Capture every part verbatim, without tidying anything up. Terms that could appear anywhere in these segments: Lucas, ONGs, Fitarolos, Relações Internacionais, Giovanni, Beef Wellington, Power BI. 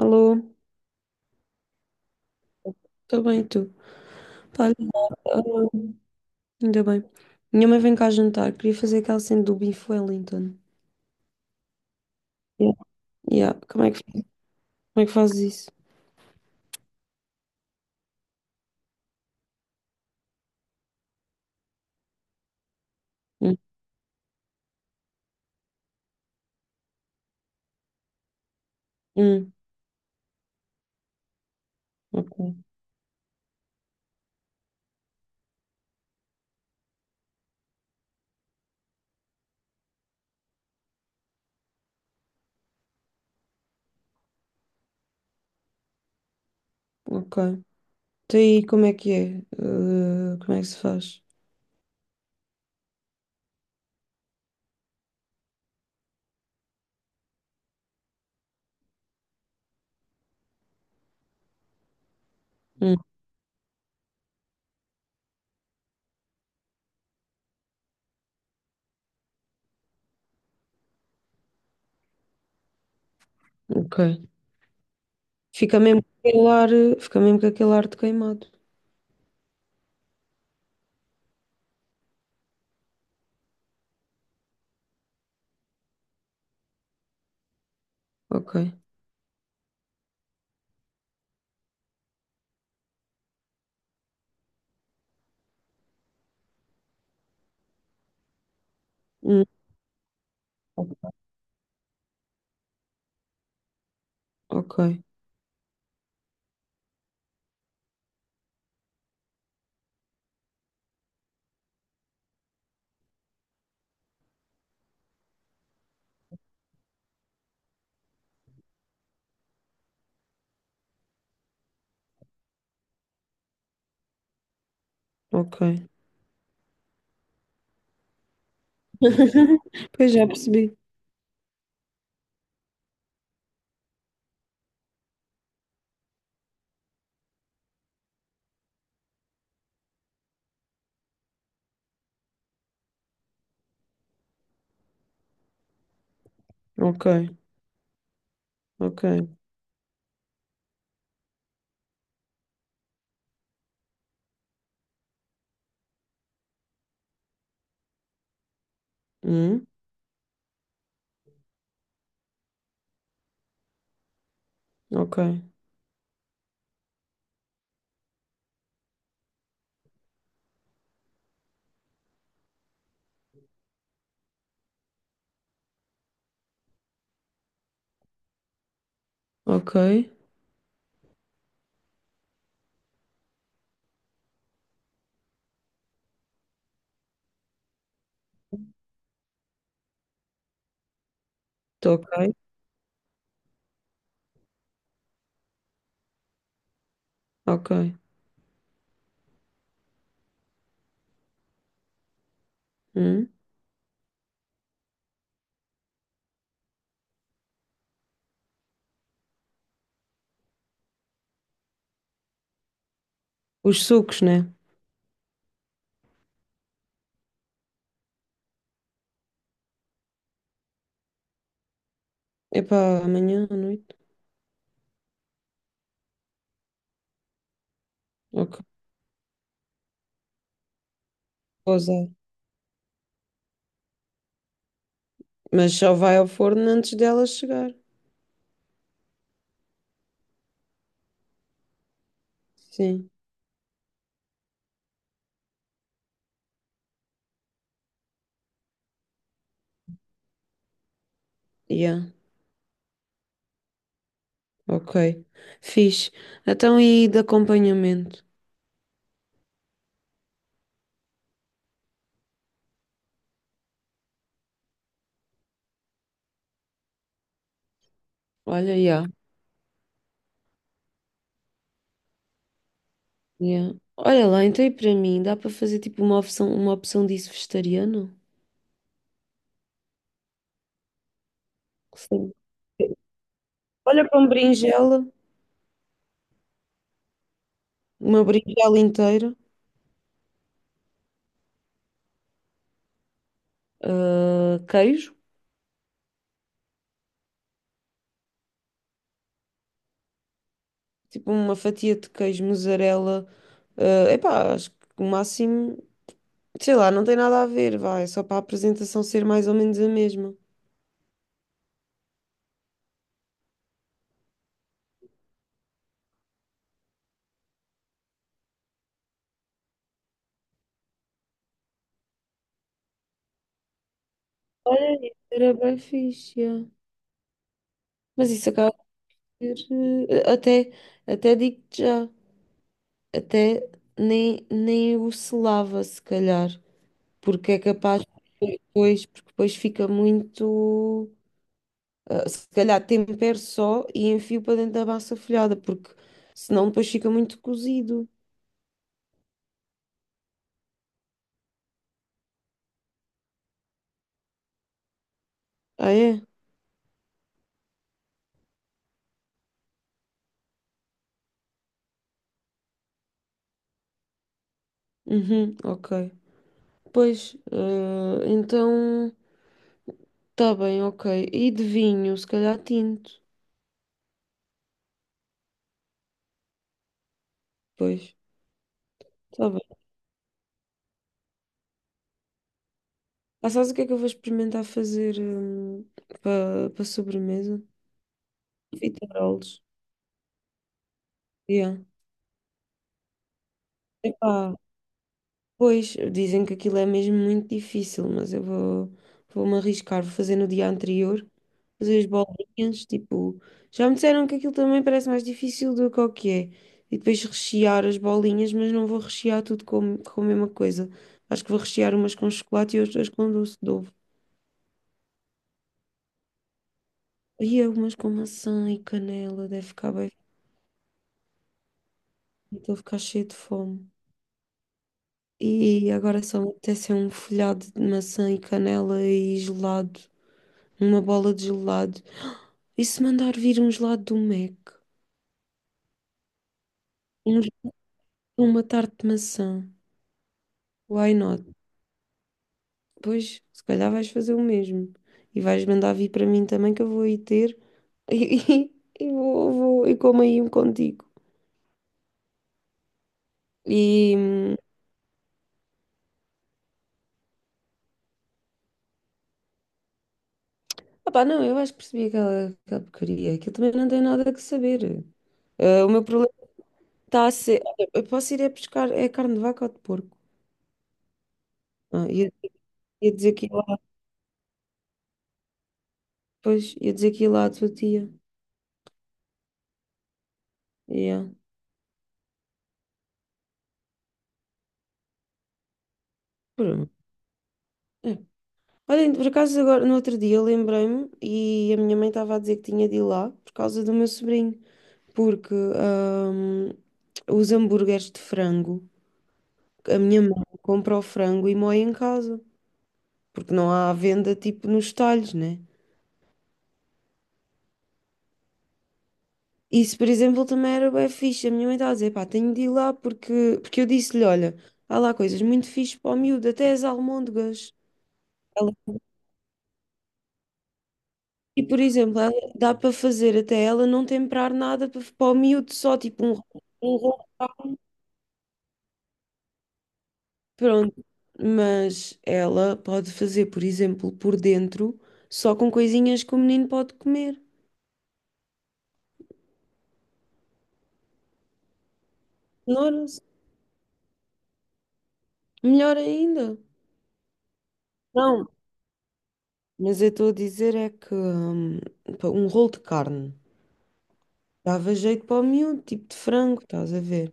Alô, estou bem, e tu? Pá, olha, alô, ainda bem. Minha mãe vem cá jantar, queria fazer aquela cena do Beef Wellington. Yeah. Yeah. Como é que, como é que fazes isso? Hum, hum, ok, ok. Então aí, como é que é? Eh, como é que se faz? Hum, ok. Fica mesmo com aquele ar, eh, fica mesmo com aquele ar de queimado. Ok. Hum, ok, ok. Pois já percebi. Ok, ok. Hum, ok, ok. Estou ok, ok. Hum? Os sucos, né? Epá, amanhã à noite. Ok, vou usar. Mas só vai ao forno antes dela chegar. Sim. Yeah. Ok. Fixe. Então e de acompanhamento? Olha, yeah. Yeah. Olha lá, então e para mim, dá para fazer tipo uma opção, uma opção disso vegetariano? Sim. Olha para uma berinjela, uma berinjela inteira, ah, queijo, tipo uma fatia de queijo, mussarela, ah, epá, acho que o máximo. Sei lá, não tem nada a ver, vai. Só para a apresentação ser mais ou menos a mesma. Olha, isso era bem fixe. Yeah. Mas isso acaba por ser. eh, Até, até digo-te já. Até nem, nem o selava, se calhar. Porque é capaz. Depois, porque depois fica muito. Ah, se calhar tempero só e enfio para dentro da massa folhada. Porque senão depois fica muito cozido. Ah, é? Uhum, ok. Pois, ah, então. Tá bem, ok. E de vinho, se calhar tinto. Pois, tá bem. Ah, sabes o que é que eu vou experimentar fazer hum, para para sobremesa? Fitarolos. Yeah. Epá, pois, dizem que aquilo é mesmo muito difícil, mas eu vou, vou-me arriscar. Vou fazer no dia anterior, fazer as bolinhas, tipo... Já me disseram que aquilo também parece mais difícil do que o que é. E depois rechear as bolinhas, mas não vou rechear tudo com, com a mesma coisa. Acho que vou rechear umas com chocolate e outras com doce de ovo. E algumas com maçã e canela, deve ficar bem. Estou a ficar cheio de fome. E agora só me apetece é um folhado de maçã e canela e gelado. Uma bola de gelado. E se mandar vir um gelado do Mac? Um- uma tarte de maçã. Why not? Pois, se calhar vais fazer o mesmo. E vais mandar vir para mim também, que eu vou aí ter. E, e, vou, vou e como aí um contigo. E. hum, Opá, não, eu acho que percebi aquela, aquela porcaria. Aquilo também não tem nada que saber. Ah, o meu problema está a ser. Olha, eu posso ir a pescar é carne de vaca ou de porco? Ah, ia, ia dizer que ia lá depois, ia dizer que ia lá à tua tia. Yeah. Pronto. É. Olha, por acaso agora, no outro dia, lembrei-me e a minha mãe estava a dizer que tinha de ir lá por causa do meu sobrinho, porque ahm, os hambúrgueres de frango, a minha mãe compra o frango e moe em casa, porque não há à venda tipo nos talhos, né? Isso, por exemplo, também era bem fixe. A minha mãe estava a dizer, pá, tenho de ir lá porque, porque eu disse-lhe, olha, há lá coisas muito fixe para o miúdo, até as almôndegas. Ela- E, por exemplo, ela- dá para fazer até ela não temperar nada para, para o miúdo, só tipo um, um rolo. Pronto. Mas ela pode fazer, por exemplo, por dentro, só com coisinhas que o menino pode comer. Cenouras. Melhor ainda. Não, mas eu estou a dizer é que hum, pá, um rolo de carne. Dava jeito para o miúdo, tipo de frango, estás a ver?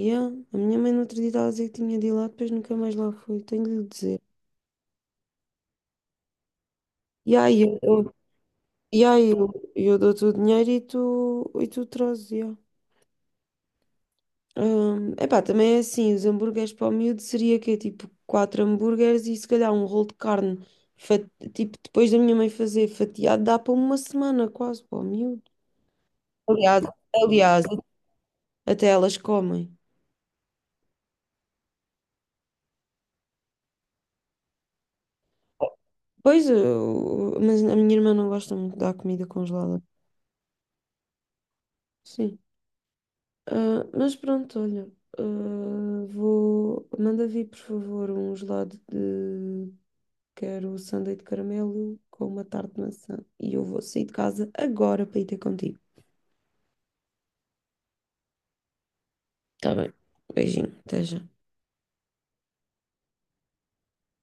E ah, a minha mãe no outro dia estava a dizer que tinha de ir lá, depois nunca mais lá fui, tenho de lhe dizer. Yeah, e aí eu, eu- yeah, e aí eu, eu dou-te o dinheiro e tu, e tu trazes, yeah. Hum, epá, também é assim, os hambúrgueres para o miúdo seria que tipo quatro hambúrgueres e se calhar um rolo de carne, fa- tipo depois da minha mãe fazer fatiado, dá para uma semana quase para o miúdo. Aliás, aliás, até elas comem. Pois, eu- mas a minha irmã não gosta muito da comida congelada. Sim. Ah, mas pronto, olha. Ah, vou. Manda vir, por favor, um gelado de. Quero sundae de caramelo com uma tarte de maçã. E eu vou sair de casa agora para ir ter contigo. Tá bem. Beijinho, até já.